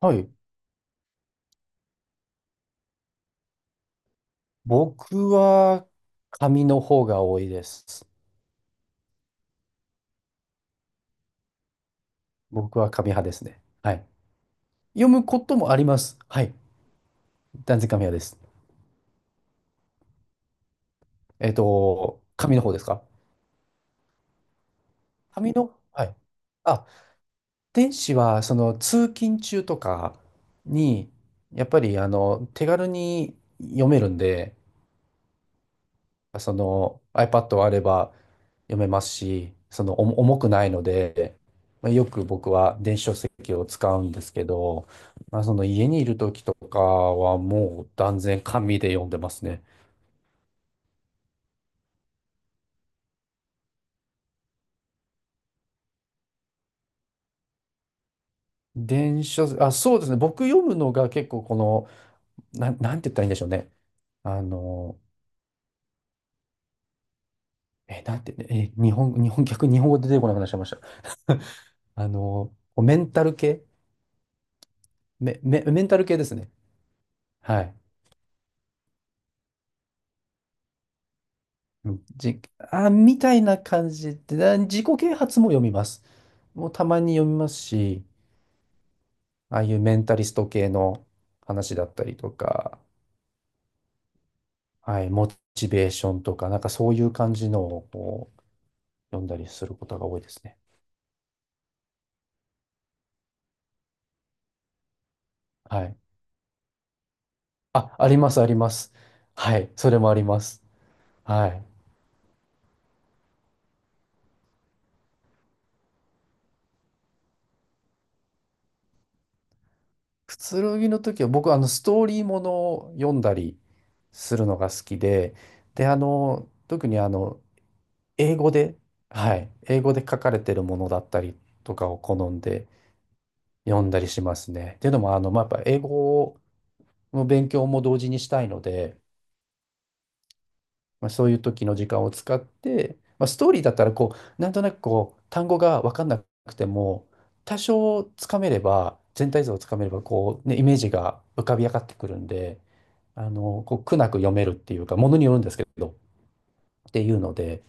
はい。僕は紙の方が多いです。僕は紙派ですね。はい。読むこともあります。はい。断然紙派です。紙の方ですか紙の、はい。あ、電子は、通勤中とかに、やっぱり、手軽に読めるんで、その iPad があれば読めますし、その重くないので、まあ、よく僕は電子書籍を使うんですけど、まあ、その家にいる時とかはもう断然紙で読んでますね。電子書籍、そうですね。僕読むのが結構この、なんて言ったらいいんでしょうね。あの、え、なんて、え、日本、日本、逆に日本語出てこなくなっちゃいました。あの、メンタル系メンタル系ですね。はい。うんじ、あ、みたいな感じで、自己啓発も読みます。もうたまに読みますし、ああいうメンタリスト系の話だったりとか、はい、モチベーションとか、なんかそういう感じのをこう読んだりすることが多いですね。はい。あ、あります、あります。はい、それもあります。はい。くつろぎの時は僕、ストーリーものを読んだりするのが好きで、で、特に英語で、はい、英語で書かれてるものだったりとかを好んで読んだりしますね。っていうのも、まあ、やっぱ英語の勉強も同時にしたいので、まあ、そういう時の時間を使って、まあ、ストーリーだったらこう、なんとなくこう、単語が分かんなくても、多少つかめれば、全体像をつかめれば、こう、ね、イメージが浮かび上がってくるんで、こう、苦なく読めるっていうか、ものによるんですけど、っていうので、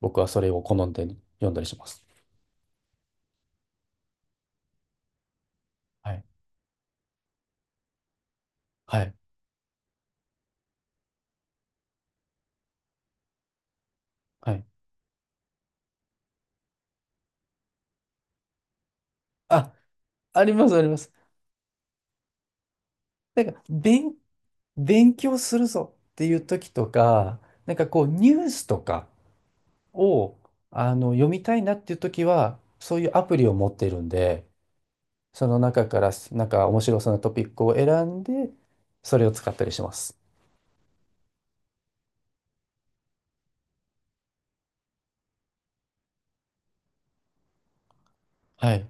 僕はそれを好んで読んだりします。はい。はい。はい。あ、ありますあります。なんか、勉強するぞっていう時とか、なんかこう、ニュースとかを、読みたいなっていう時は、そういうアプリを持ってるんで、その中から、なんか面白そうなトピックを選んで、それを使ったりします。はい。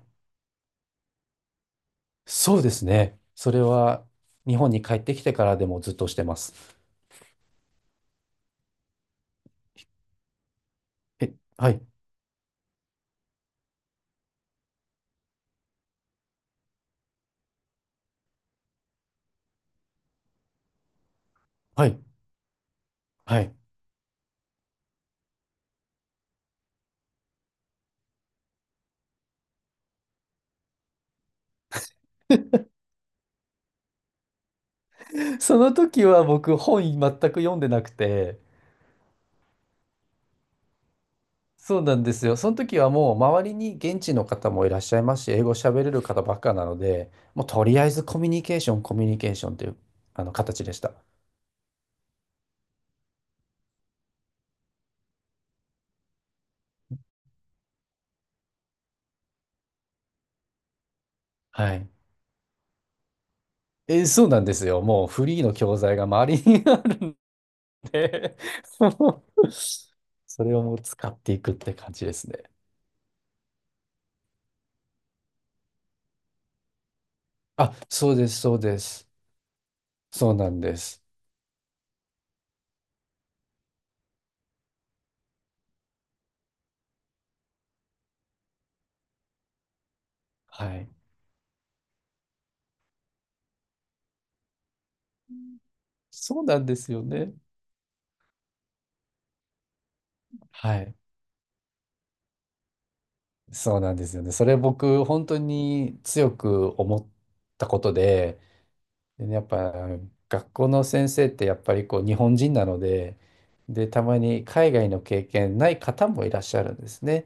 そうですね。それは、日本に帰ってきてからでもずっとしてます。え、はい、はい、はい。その時は僕、本全く読んでなくて、そうなんですよ。その時はもう周りに現地の方もいらっしゃいますし、英語喋れる方ばっかなので、もうとりあえずコミュニケーション、コミュニケーションという形でした。はい。そうなんですよ。もうフリーの教材が周りにあるんでもう それをもう使っていくって感じですね。あ、そうです、そうです。そうなんです。はい。そうなんですよね。はい。そうなんですよね。それ僕、本当に強く思ったことで、でね、やっぱ学校の先生ってやっぱりこう日本人なので、で、たまに海外の経験ない方もいらっしゃるんですね。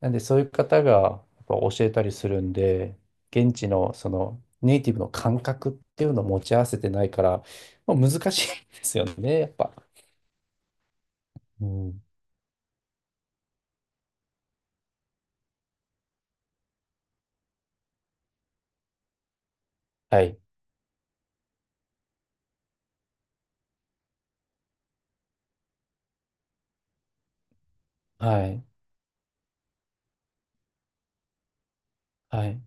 なんでそういう方がやっぱ教えたりするんで、現地のそのネイティブの感覚っていうのを持ち合わせてないから、まあ、難しいんですよね、やっぱ。うん。はい。はい。はい。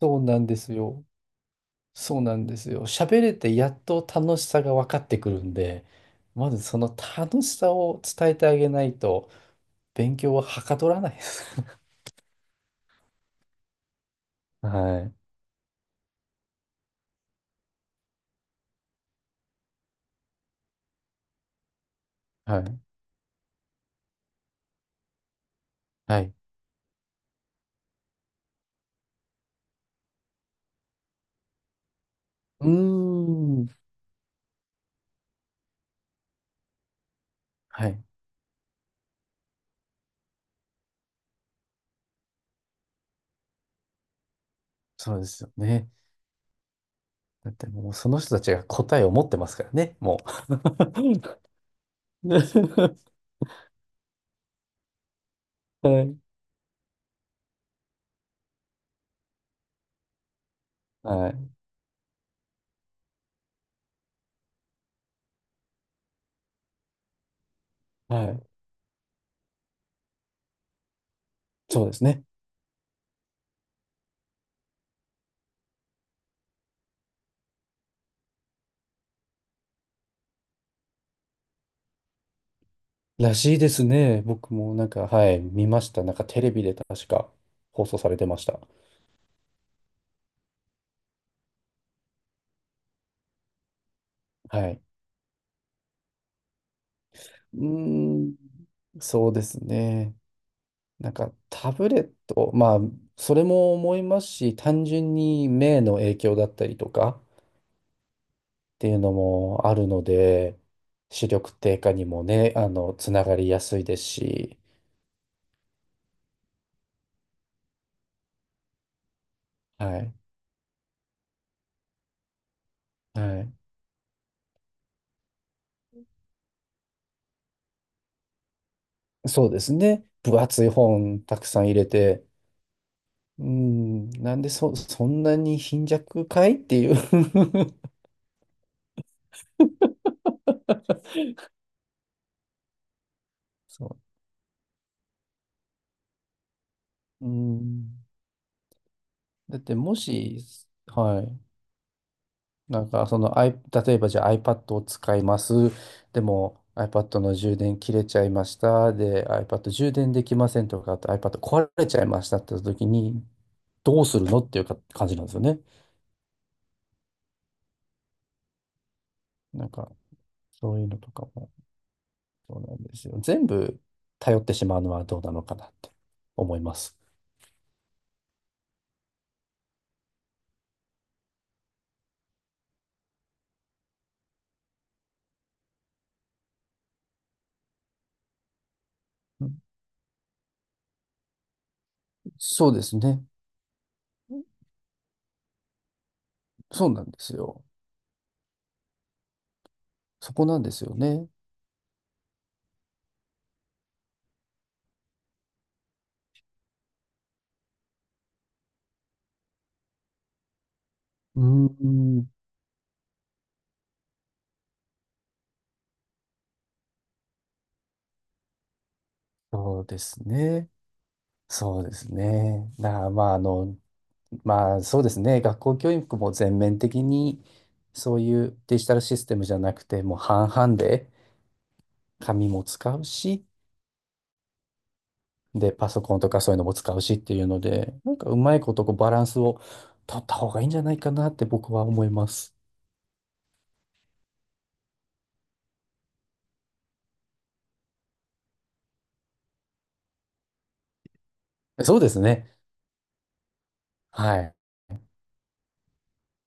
そうなんですよ。そうなんですよ。喋れてやっと楽しさが分かってくるんで、まずその楽しさを伝えてあげないと、勉強ははかどらないです。はい。はい。はい。うーん。はい。そうですよね。だってもうその人たちが答えを持ってますからね、もう。はい。はい。はい。そうですね。らしいですね。僕もなんか、はい、見ました。なんかテレビで確か放送されてました。はい。うーん、そうですね。なんかタブレット、まあ、それも思いますし、単純に目の影響だったりとか、っていうのもあるので、視力低下にもね、つながりやすいですし、はい、はい。そうですね。分厚い本たくさん入れて、うん、なんでそんなに貧弱かいっていう そう。うん。だってもし、はい。なんか、例えばじゃあ iPad を使います。でも iPad の充電切れちゃいました。で、iPad 充電できませんとか、あと iPad 壊れちゃいましたって時に、どうするのっていうか感じなんですよね。なんか、そういうのとかも、そうなんですよ。全部頼ってしまうのはどうなのかなって思います。うんそうですね。そうなんですよ。そこなんですよね。うーん、そうですね。そうですね。だからまあ、まあそうですね、学校教育も全面的にそういうデジタルシステムじゃなくて、もう半々で紙も使うし、で、パソコンとかそういうのも使うしっていうので、なんかうまいことこうバランスを取った方がいいんじゃないかなって僕は思います。そうですね。はい。